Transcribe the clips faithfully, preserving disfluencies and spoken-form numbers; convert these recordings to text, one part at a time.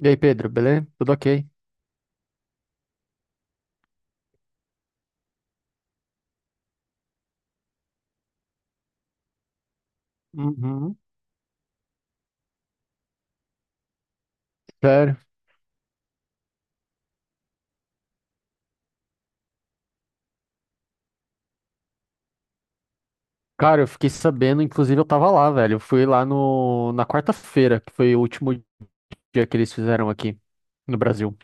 E aí, Pedro, beleza? Tudo ok? Uhum. Sério? Cara, eu fiquei sabendo, inclusive eu tava lá, velho. Eu fui lá no, na quarta-feira, que foi o último dia que eles fizeram aqui no Brasil.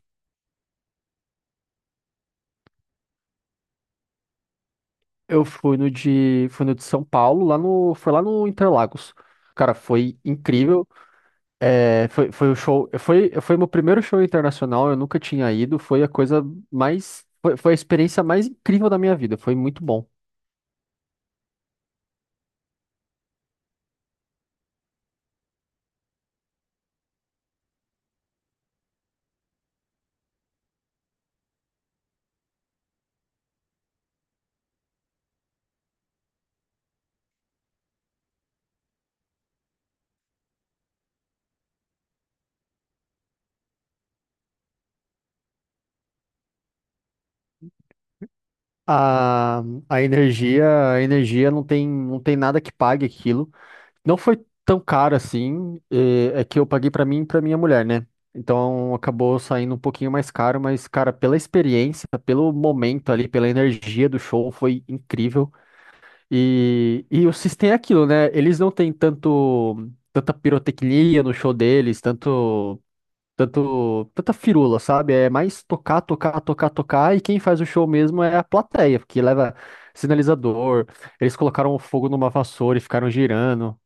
Eu fui no de, fui no de São Paulo, lá no, foi lá no Interlagos. Cara, foi incrível. É, foi, foi o show, foi, foi meu primeiro show internacional, eu nunca tinha ido. Foi a coisa mais, foi, foi a experiência mais incrível da minha vida. Foi muito bom. A, a energia, a energia não tem, não tem nada que pague aquilo. Não foi tão caro assim, é, é que eu paguei pra mim e pra minha mulher, né? Então acabou saindo um pouquinho mais caro, mas, cara, pela experiência, pelo momento ali, pela energia do show, foi incrível. E, e o System é aquilo, né? Eles não têm tanto, tanta pirotecnia no show deles, tanto tanto, tanta firula, sabe? É mais tocar, tocar, tocar, tocar, e quem faz o show mesmo é a plateia, porque leva sinalizador, eles colocaram fogo numa vassoura e ficaram girando.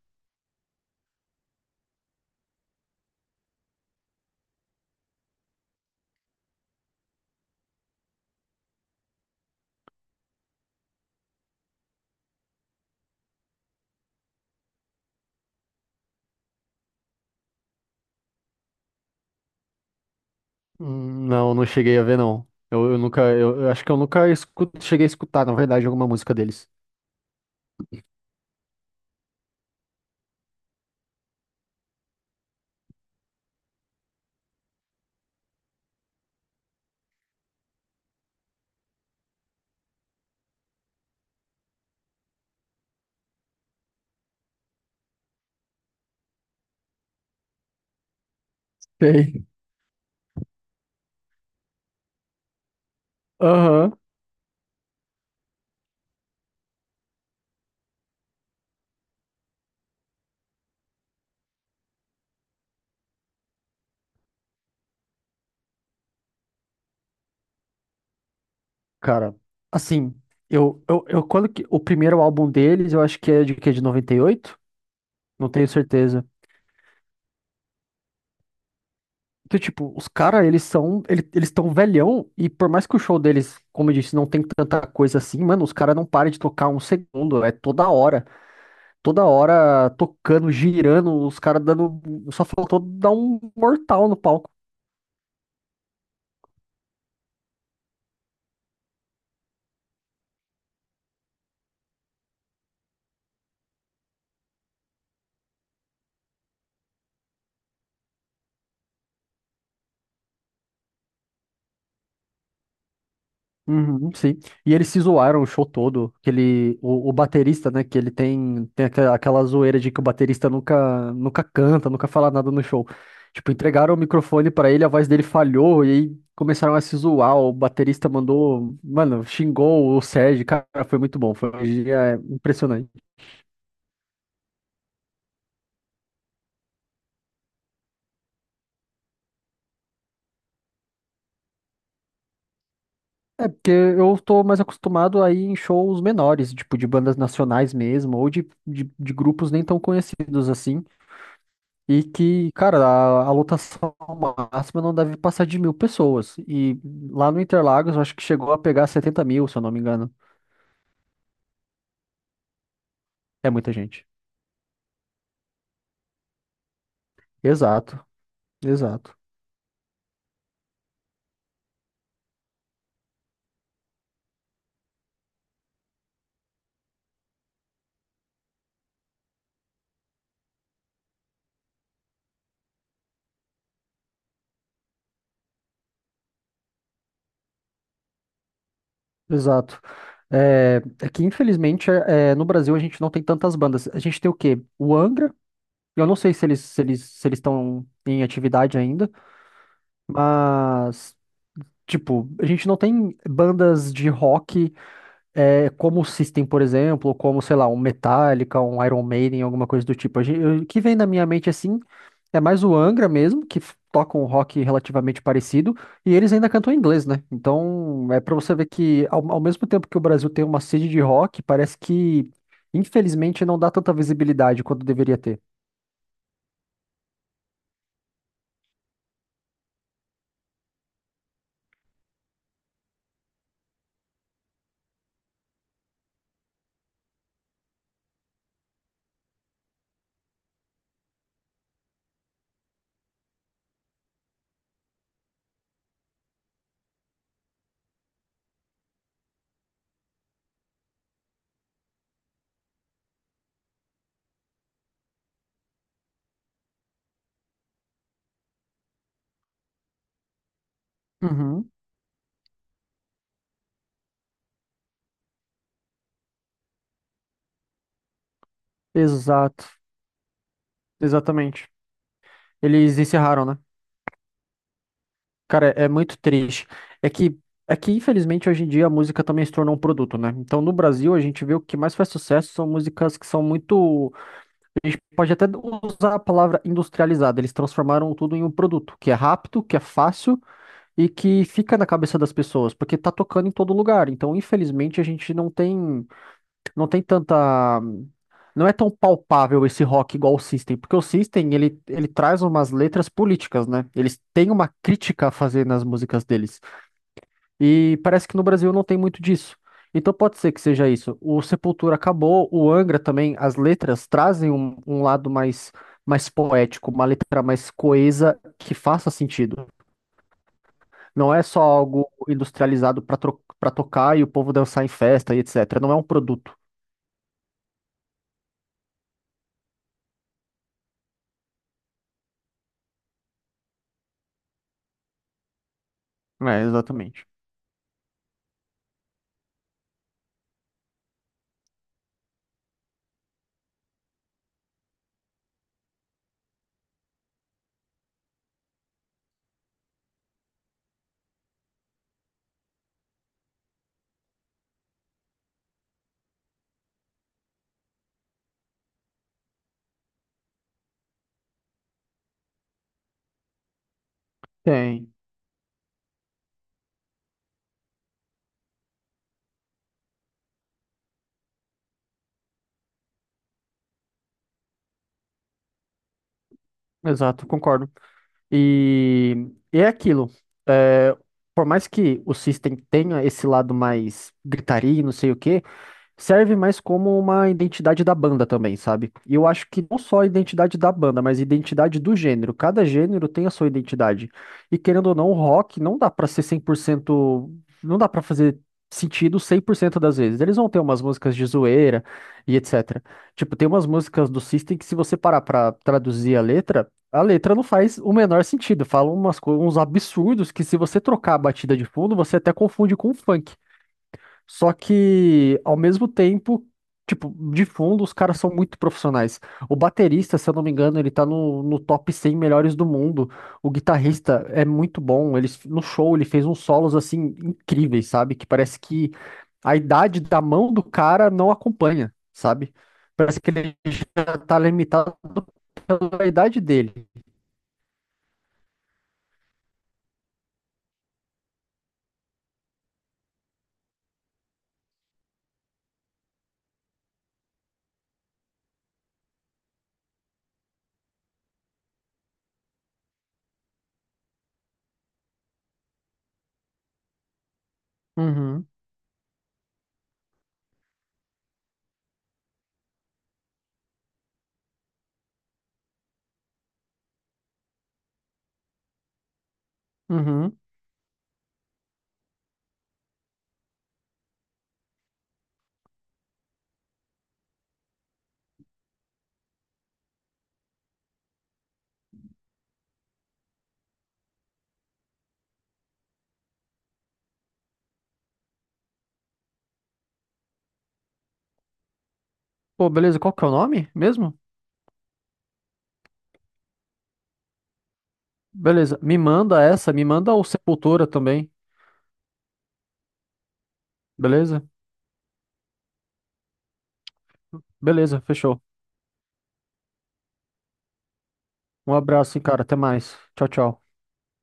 Hum. Não, não cheguei a ver, não. Eu, eu nunca, eu, eu acho que eu nunca escu- cheguei a escutar, na verdade, alguma música deles. Sei. Aham. Cara, assim, eu, eu, eu quando que, o primeiro álbum deles, eu acho que é de que de noventa e oito. Não tenho certeza. Então, tipo, os caras, eles são. ele- eles estão velhão, e por mais que o show deles, como eu disse, não tem tanta coisa assim, mano, os caras não param de tocar um segundo. É toda hora. Toda hora tocando, girando, os caras dando. Só faltou dar um mortal no palco. Uhum, sim. E eles se zoaram o show todo. Que ele, o, o baterista, né? Que ele tem, tem aquela, aquela zoeira de que o baterista nunca, nunca canta, nunca fala nada no show. Tipo, entregaram o microfone pra ele, a voz dele falhou e aí começaram a se zoar. O baterista mandou, mano, xingou o Sérgio. Cara, foi muito bom. Foi um dia impressionante. É porque eu tô mais acostumado a ir em shows menores, tipo, de bandas nacionais mesmo, ou de, de, de grupos nem tão conhecidos assim. E que, cara, a, a lotação máxima não deve passar de mil pessoas. E lá no Interlagos, eu acho que chegou a pegar setenta mil, se eu não me engano. É muita gente. Exato, exato, exato. É, é que, infelizmente, é, é, no Brasil a gente não tem tantas bandas. A gente tem o quê? O Angra. Eu não sei se eles se eles, se eles estão em atividade ainda, mas, tipo, a gente não tem bandas de rock. É, como o System, por exemplo, ou como, sei lá, um Metallica, um Iron Maiden, alguma coisa do tipo. A gen- eu- O que vem na minha mente, assim, é mais o Angra mesmo, que f- toca um rock relativamente parecido, e eles ainda cantam em inglês, né? Então, é pra você ver que, ao, ao mesmo tempo que o Brasil tem uma sede de rock, parece que, infelizmente, não dá tanta visibilidade quanto deveria ter. Uhum. Exato, exatamente. Eles encerraram, né? Cara, é muito triste. É que, é que, infelizmente, hoje em dia a música também se tornou um produto, né? Então, no Brasil, a gente vê o que mais faz sucesso são músicas que são muito. Pode até usar a palavra industrializada. Eles transformaram tudo em um produto, que é rápido, que é fácil e que fica na cabeça das pessoas, porque tá tocando em todo lugar. Então, infelizmente, a gente não tem, não tem tanta. Não é tão palpável esse rock igual o System, porque o System, ele, ele traz umas letras políticas, né? Eles têm uma crítica a fazer nas músicas deles. E parece que no Brasil não tem muito disso. Então pode ser que seja isso. O Sepultura acabou, o Angra também, as letras trazem um, um lado mais, mais poético, uma letra mais coesa que faça sentido. Não é só algo industrializado para para tocar e o povo dançar em festa e etcetera. Não é um produto. É, exatamente. Tem, exato, concordo. E, e é aquilo. É, por mais que o System tenha esse lado mais gritaria, e não sei o quê, serve mais como uma identidade da banda também, sabe? E eu acho que não só a identidade da banda, mas a identidade do gênero. Cada gênero tem a sua identidade. E querendo ou não, o rock não dá pra ser cem por cento, não dá pra fazer sentido cem por cento das vezes. Eles vão ter umas músicas de zoeira e etcetera. Tipo, tem umas músicas do System que se você parar pra traduzir a letra, a letra não faz o menor sentido. Fala umas, co- uns absurdos que se você trocar a batida de fundo, você até confunde com o funk. Só que, ao mesmo tempo, tipo, de fundo, os caras são muito profissionais. O baterista, se eu não me engano, ele tá no, no top cem melhores do mundo. O guitarrista é muito bom. Ele, no show, ele fez uns solos, assim, incríveis, sabe? Que parece que a idade da mão do cara não acompanha, sabe? Parece que ele já tá limitado pela idade dele. Uhum, uhum. Pô, beleza, qual que é o nome mesmo? Beleza, me manda essa, me manda o Sepultura também, beleza? Beleza, fechou. Um abraço, hein, cara. Até mais. Tchau, tchau.